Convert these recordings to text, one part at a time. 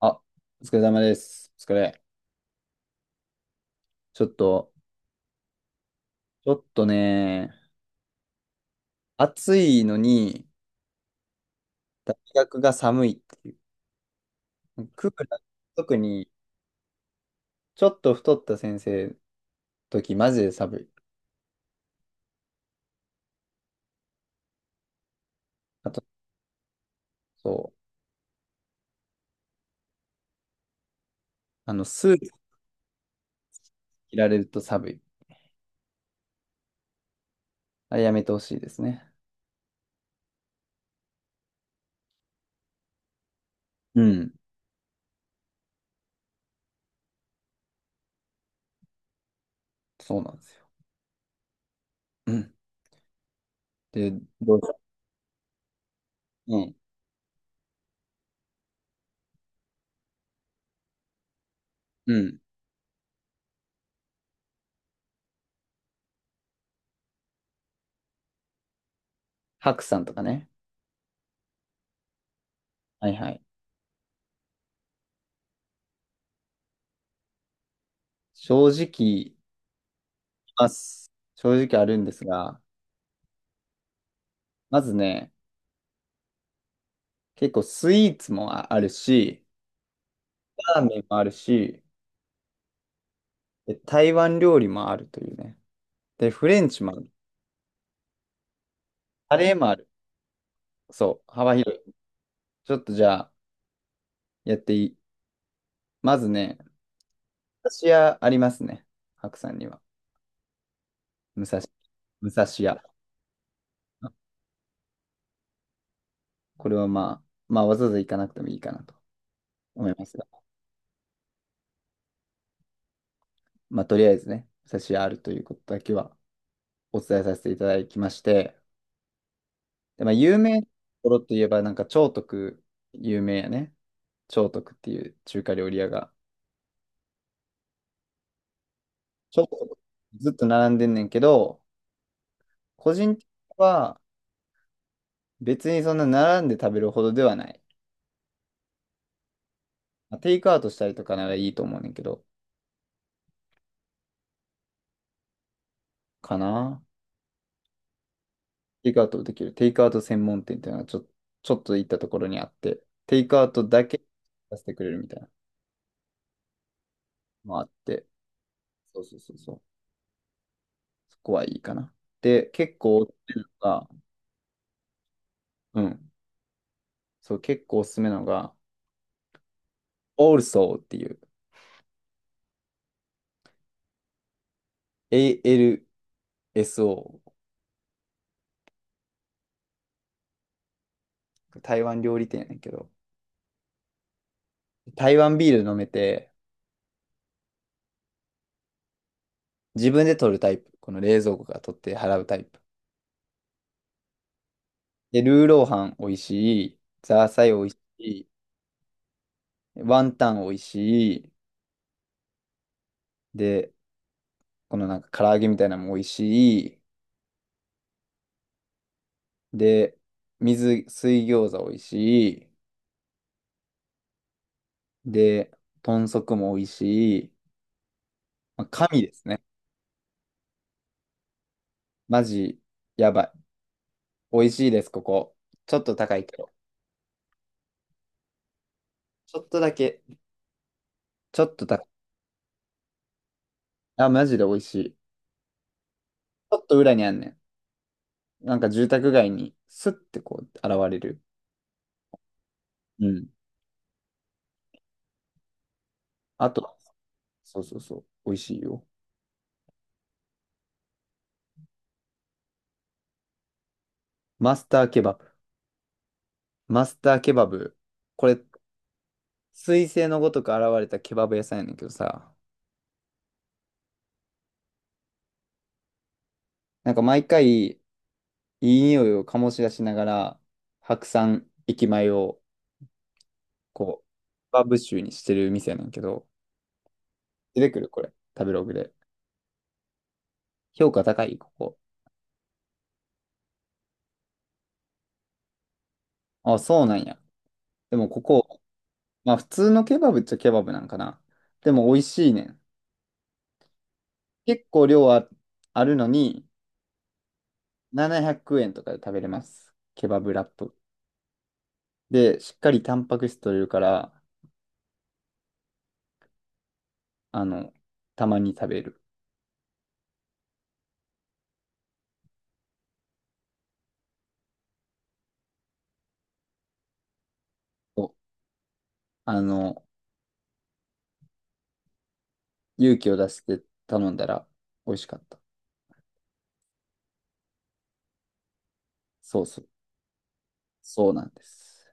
あ、お疲れ様です。お疲れ。ちょっと、ちょっとね、暑いのに、大学が寒いっていう。クーラー、特に、ちょっと太った先生の時、マジで寒い。あと、そう、スーツ着られると寒い。あれやめてほしいですね。うん、そうなんですよ。うん。で、どうぞ。うん、うん。白さんとかね。はいはい。正直、ます。正直あるんですが、まずね、結構スイーツもあるし、ラーメンもあるし、で台湾料理もあるというね。で、フレンチもある。カレーもある。そう、幅広い。ちょっとじゃあ、やっていい。まずね、武蔵屋ありますね。白さんには。武蔵、武蔵屋。これはまあ、まあ、わざわざ行かなくてもいいかなと思いますが。まあ、とりあえずね、武蔵屋あるということだけはお伝えさせていただきまして。で、まあ、有名なところといえば、なんか、兆徳有名やね。兆徳っていう中華料理屋がちょっとずっと並んでんねんけど、個人的には別にそんな並んで食べるほどではない。まあテイクアウトしたりとかならいいと思うねんけど、かな。テイクアウトできる。テイクアウト専門店っていうのはちょっと行ったところにあって、テイクアウトだけさせてくれるみたいなのもあって、そうそうそうそう。そこはいいかな。で、結構おすすめなのが、うん。そう、結構おすすめなのが、ALSO っていう、ALSO、台湾料理店やねんけど、台湾ビール飲めて、自分で取るタイプ。この冷蔵庫から取って払うタイプ。で、ルーローハン美味しい、ザーサイ美味しい、ワンタン美味しい、で、このなんか唐揚げみたいなのも美味しい、で、水餃子美味しい、で、豚足も美味しい。まあ、神ですね。マジ、やばい。美味しいです、ここ。ちょっと高いけど。ちょっとだけ。ちょっと高い。あ、マジで美味しい。ちょっと裏にあんねん。なんか住宅街にスッてこう現れる。うん。あと、そうそうそう、美味しいよ。マスターケバブ。マスターケバブ。これ、彗星のごとく現れたケバブ屋さんやねんけどさ、なんか毎回いい匂いを醸し出しながら、白山駅前をこう、ケバブ臭にしてる店やねんけど、出てくるこれ、食べログで。評価高い、ここ。あ、そうなんや。でもここ、まあ普通のケバブっちゃケバブなんかな。でも美味しいねん。結構量はあるのに、700円とかで食べれます。ケバブラップ。で、しっかりタンパク質取れるから、あの、たまに食べる。おあの、勇気を出して頼んだら美味しかった。そうそう。そうなんです。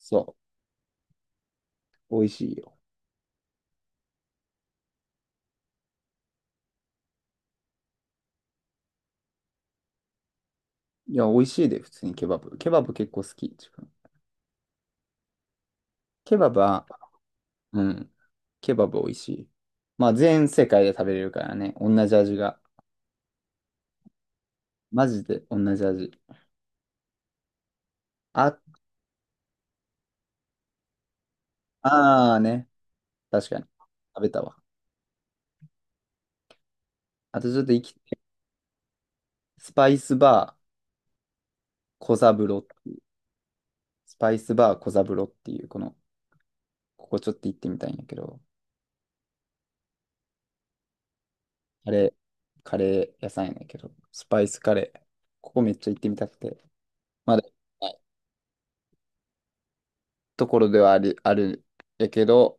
そう。美味しいよ。いや、美味しいで、普通にケバブ。ケバブ結構好き。自分ケバブは、うん。ケバブ美味しい。まあ、全世界で食べれるからね。同じ味が。マジで同じ味。あ、あーね。確かに。食べたわ。あとちょっと生きて、スパイスバー小三郎、スパイスバー小三郎っていう、この、ここちょっと行ってみたいんやけど、カレー、カレー屋さんやねんけど、スパイスカレー、ここめっちゃ行ってみたくて、まだ行ってないところではあり、あるやけど、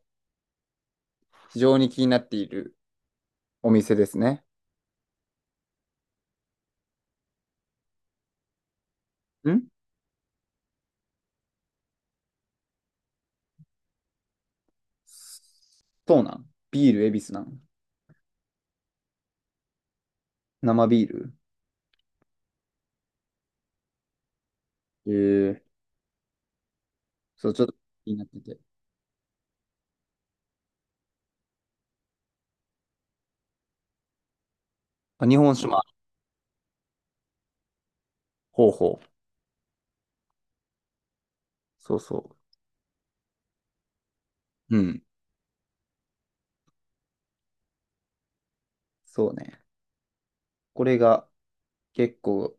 非常に気になっているお店ですね。んそうなんビール、恵比寿なん生ビールええそう、ちょっと気になってて。あ、日本酒もある。ほうほう。そうそう。うん。そうね。これが結構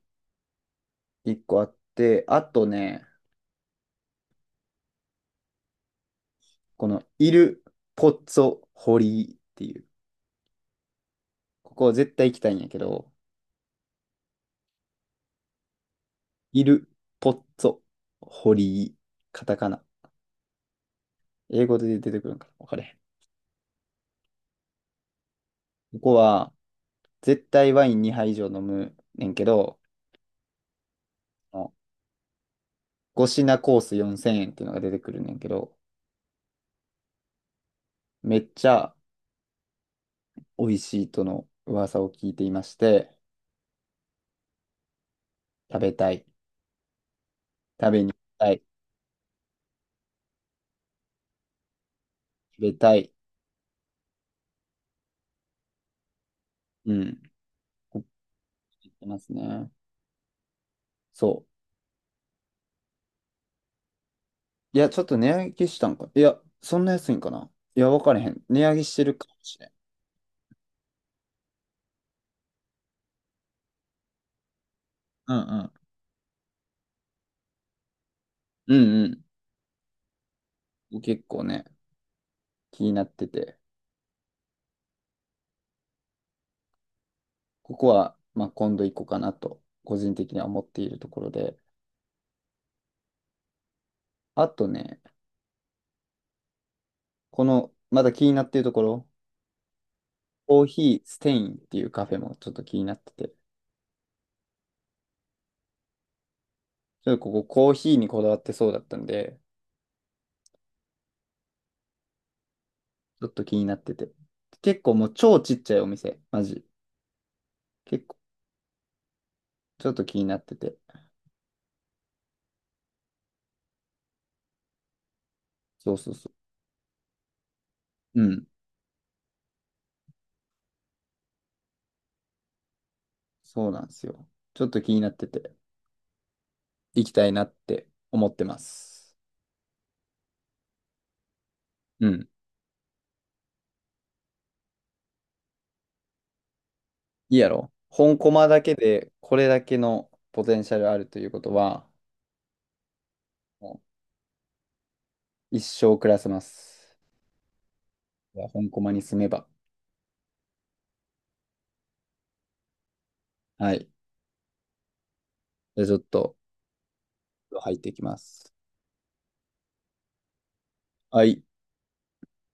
一個あって、あとね、このイル・ポッツォ・ホリーっていう、ここは絶対行きたいんやけど、イル・ポッツォ・ホリー、カタカナ。英語で出てくるんかなわかれへん。ここは絶対ワイン2杯以上飲むねんけど、5品コース4000円っていうのが出てくるねんけど、めっちゃ美味しいとの噂を聞いていまして、食べたい。食べに行きたい。食べたい。うん。言ってますね。そう。いや、ちょっと値上げしたんか。いや、そんな安いんかな。いや、わからへん。値上げしてるかもしれん。うんうん。うんうん。結構ね、気になってて。ここは、まあ、今度行こうかなと、個人的には思っているところで。あとね、この、まだ気になっているところ、コーヒーステインっていうカフェもちょっと気になってて。ちょっとここコーヒーにこだわってそうだったんで、ちょっと気になってて。結構もう超ちっちゃいお店。マジ。結構、ちょっと気になってて。そうそうそう。うん。そうなんですよ。ちょっと気になってて、行きたいなって思ってます。うん。いいやろ本コマだけで、これだけのポテンシャルあるということは、もう一生暮らせます。いや本コマに住めば。はい。じゃあちょっと、入っていきます。はい。